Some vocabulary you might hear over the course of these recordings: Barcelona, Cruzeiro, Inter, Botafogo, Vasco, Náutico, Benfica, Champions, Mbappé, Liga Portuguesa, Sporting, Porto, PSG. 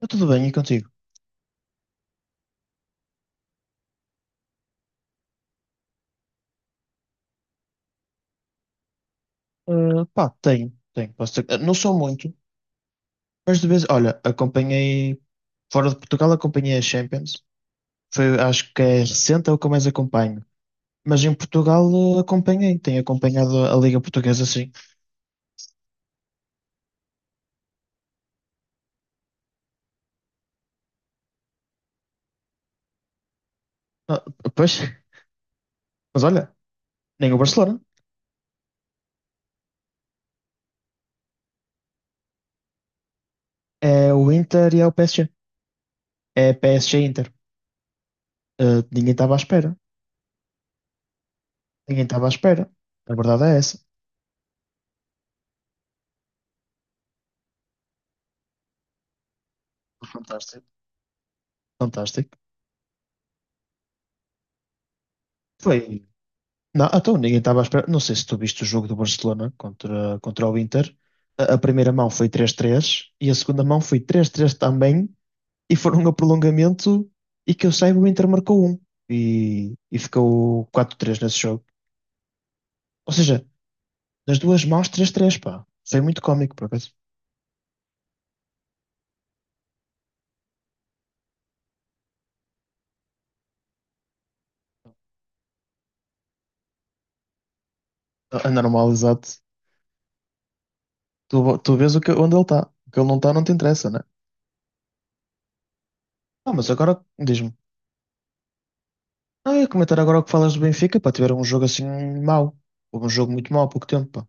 Está tudo bem, e contigo? Ah, pá, tenho, tenho. Não sou muito, mas de vez, olha, acompanhei, fora de Portugal, acompanhei a Champions. Foi, acho que é recente, é o que eu mais acompanho. Mas em Portugal, acompanhei, tenho acompanhado a Liga Portuguesa, sim. Ah, pois, mas olha, nem o Barcelona, é o Inter e é o PSG. É PSG-Inter. Ninguém estava à espera, ninguém estava à espera. A verdade é essa. Fantástico. Fantástico. Foi. Não, então ninguém estava à espera. Não sei se tu viste o jogo do Barcelona contra o Inter. A primeira mão foi 3-3 e a segunda mão foi 3-3 também. E foram a prolongamento e que eu saiba o Inter marcou um. E ficou 4-3 nesse jogo. Ou seja, nas duas mãos 3-3, pá. Foi muito cómico, por acaso. Anormal, exato. Tu, tu vês o que, onde ele está. O que ele não está não te interessa, né? Ah, mas agora diz-me. Ah, eu ia comentar agora o que falas do Benfica, para tiver um jogo assim mau. Houve um jogo muito mau há pouco tempo, pá.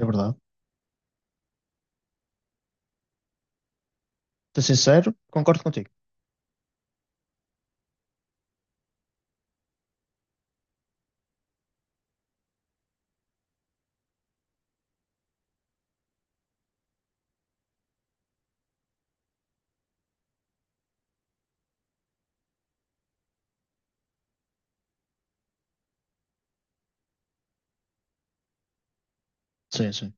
É verdade. Ser sincero, concordo contigo. Sim, sim.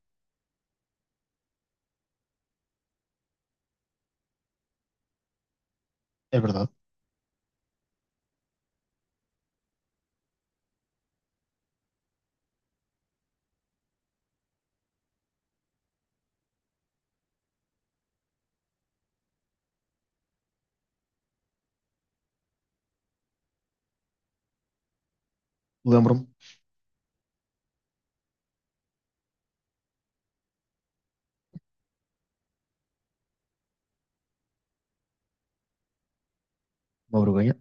É verdade. Lembro-me. Uma vergonha.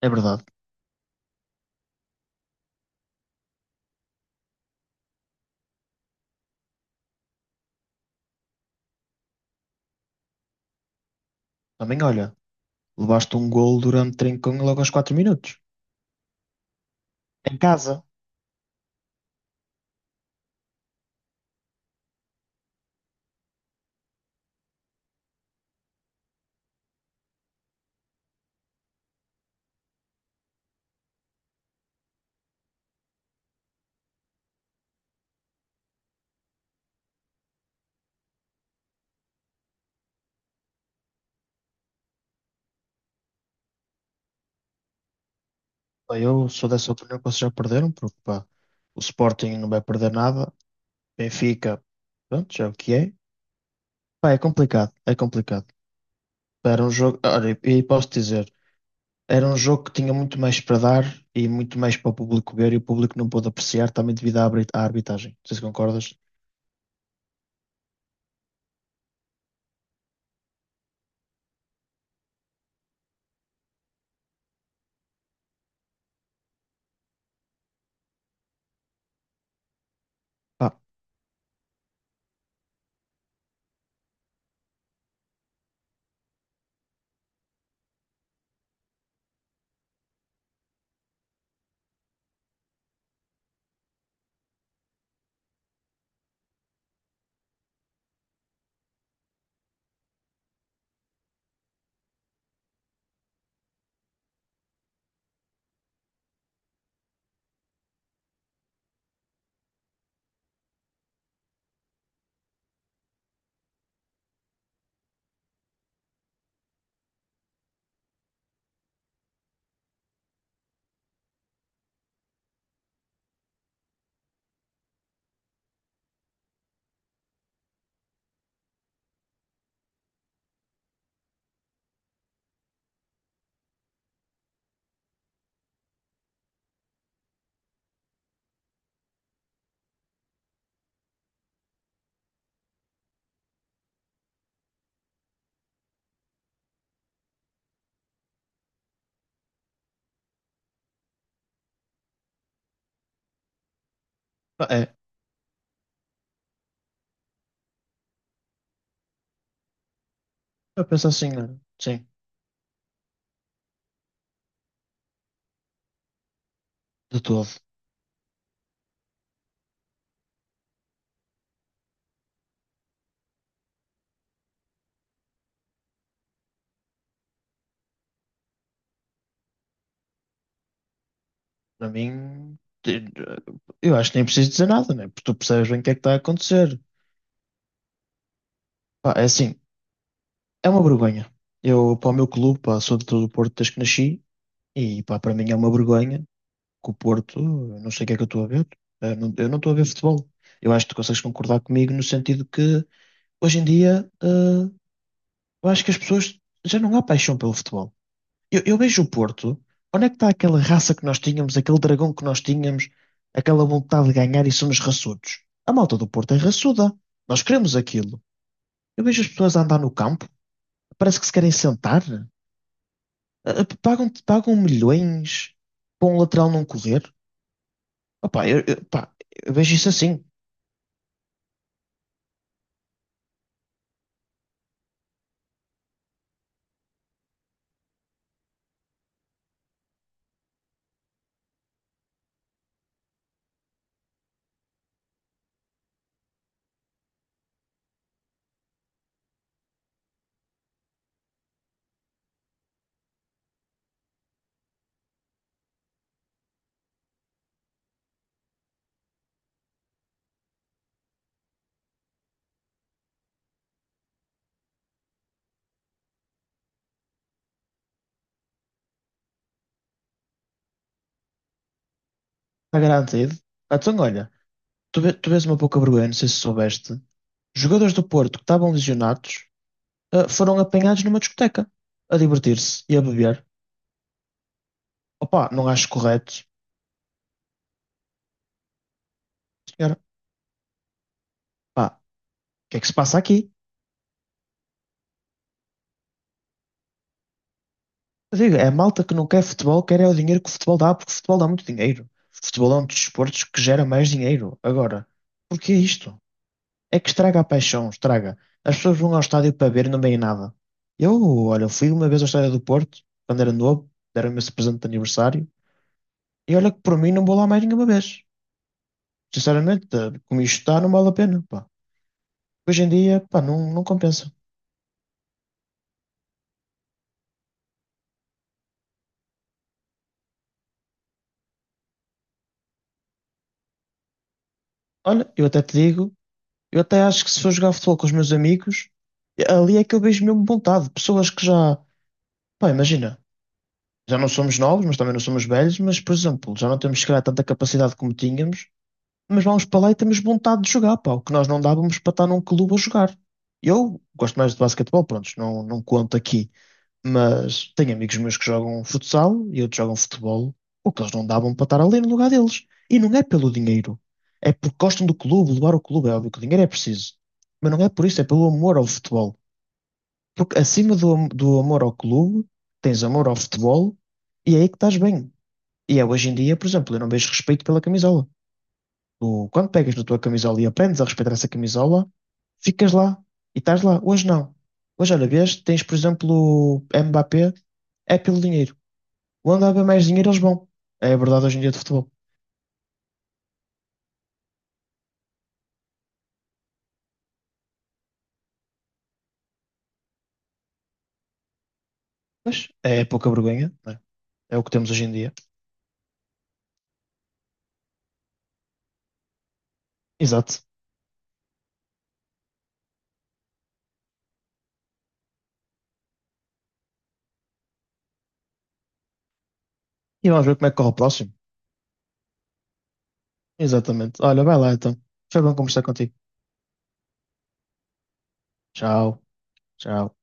É verdade. Também, olha, levaste um gol durante trincão logo aos 4 minutos. Em casa. Bem, eu sou dessa opinião que vocês já perderam, porque, pá, o Sporting não vai perder nada. Benfica, pronto, já é o que é. Pá, é complicado, é complicado. Era um jogo, olha, e posso dizer, era um jogo que tinha muito mais para dar e muito mais para o público ver e o público não pôde apreciar também devido à arbitragem. Não sei se concordas. Pá, é. Eu penso assim, olha, sim. De todo. Para mim, eu acho que nem preciso dizer nada, né? Porque tu percebes bem o que é que está a acontecer. Pá, é assim, é uma vergonha. Eu, para o meu clube, pá, sou de todo o Porto desde que nasci e, pá, para mim é uma vergonha que o Porto, eu não sei o que é que eu estou a ver. Eu não estou a ver futebol. Eu acho que tu consegues concordar comigo no sentido que, hoje em dia, eu acho que as pessoas já não há paixão pelo futebol. Eu vejo o Porto. Onde é que está aquela raça que nós tínhamos, aquele dragão que nós tínhamos, aquela vontade de ganhar e somos raçudos? A malta do Porto é raçuda. Nós queremos aquilo. Eu vejo as pessoas a andar no campo, parece que se querem sentar. Pagam, pagam milhões para um lateral não correr. Opa, pá, eu vejo isso assim, está garantido. Ah, então, olha, tu vês uma pouca vergonha, não sei se soubeste. Jogadores do Porto que estavam lesionados, foram apanhados numa discoteca a divertir-se e a beber. Opa, não acho correto, senhora. Pá, o que é que se passa aqui? Eu digo, é a malta que não quer futebol, quer é o dinheiro que o futebol dá, porque o futebol dá muito dinheiro. O futebol é um dos desportos que gera mais dinheiro. Agora, porquê isto? É que estraga a paixão, estraga. As pessoas vão ao estádio para ver e não veem nada. Eu, olha, fui uma vez ao estádio do Porto, quando era novo, deram-me esse presente de aniversário, e olha que por mim não vou lá mais nenhuma vez. Sinceramente, como isto está, não vale a pena, pá. Hoje em dia, pá, não compensa. Olha, eu até te digo. Eu até acho que se for jogar futebol com os meus amigos, ali é que eu vejo mesmo vontade. Pessoas que já, pá, imagina, já não somos novos, mas também não somos velhos, mas, por exemplo, já não temos, se calhar, tanta capacidade como tínhamos, mas vamos para lá e temos vontade de jogar, pá, o que nós não dávamos para estar num clube a jogar. Eu gosto mais de basquetebol, pronto, não conto aqui, mas tenho amigos meus que jogam futsal e outros jogam futebol, o que eles não davam para estar ali no lugar deles. E não é pelo dinheiro, é porque gostam do clube, levar o clube. É óbvio que o dinheiro é preciso, mas não é por isso, é pelo amor ao futebol. Porque acima do amor ao clube, tens amor ao futebol e é aí que estás bem. E é hoje em dia, por exemplo, eu não vejo respeito pela camisola. Tu, quando pegas na tua camisola e aprendes a respeitar essa camisola, ficas lá e estás lá. Hoje não. Hoje, olha, vês, tens, por exemplo, o Mbappé, é pelo dinheiro. Onde há bem mais dinheiro, eles vão. É a verdade hoje em dia de futebol. Mas é pouca vergonha, não é? É o que temos hoje em dia. Exato. E vamos ver como é que corre o próximo. Exatamente. Olha, vai lá então. Foi bom conversar contigo. Tchau, tchau.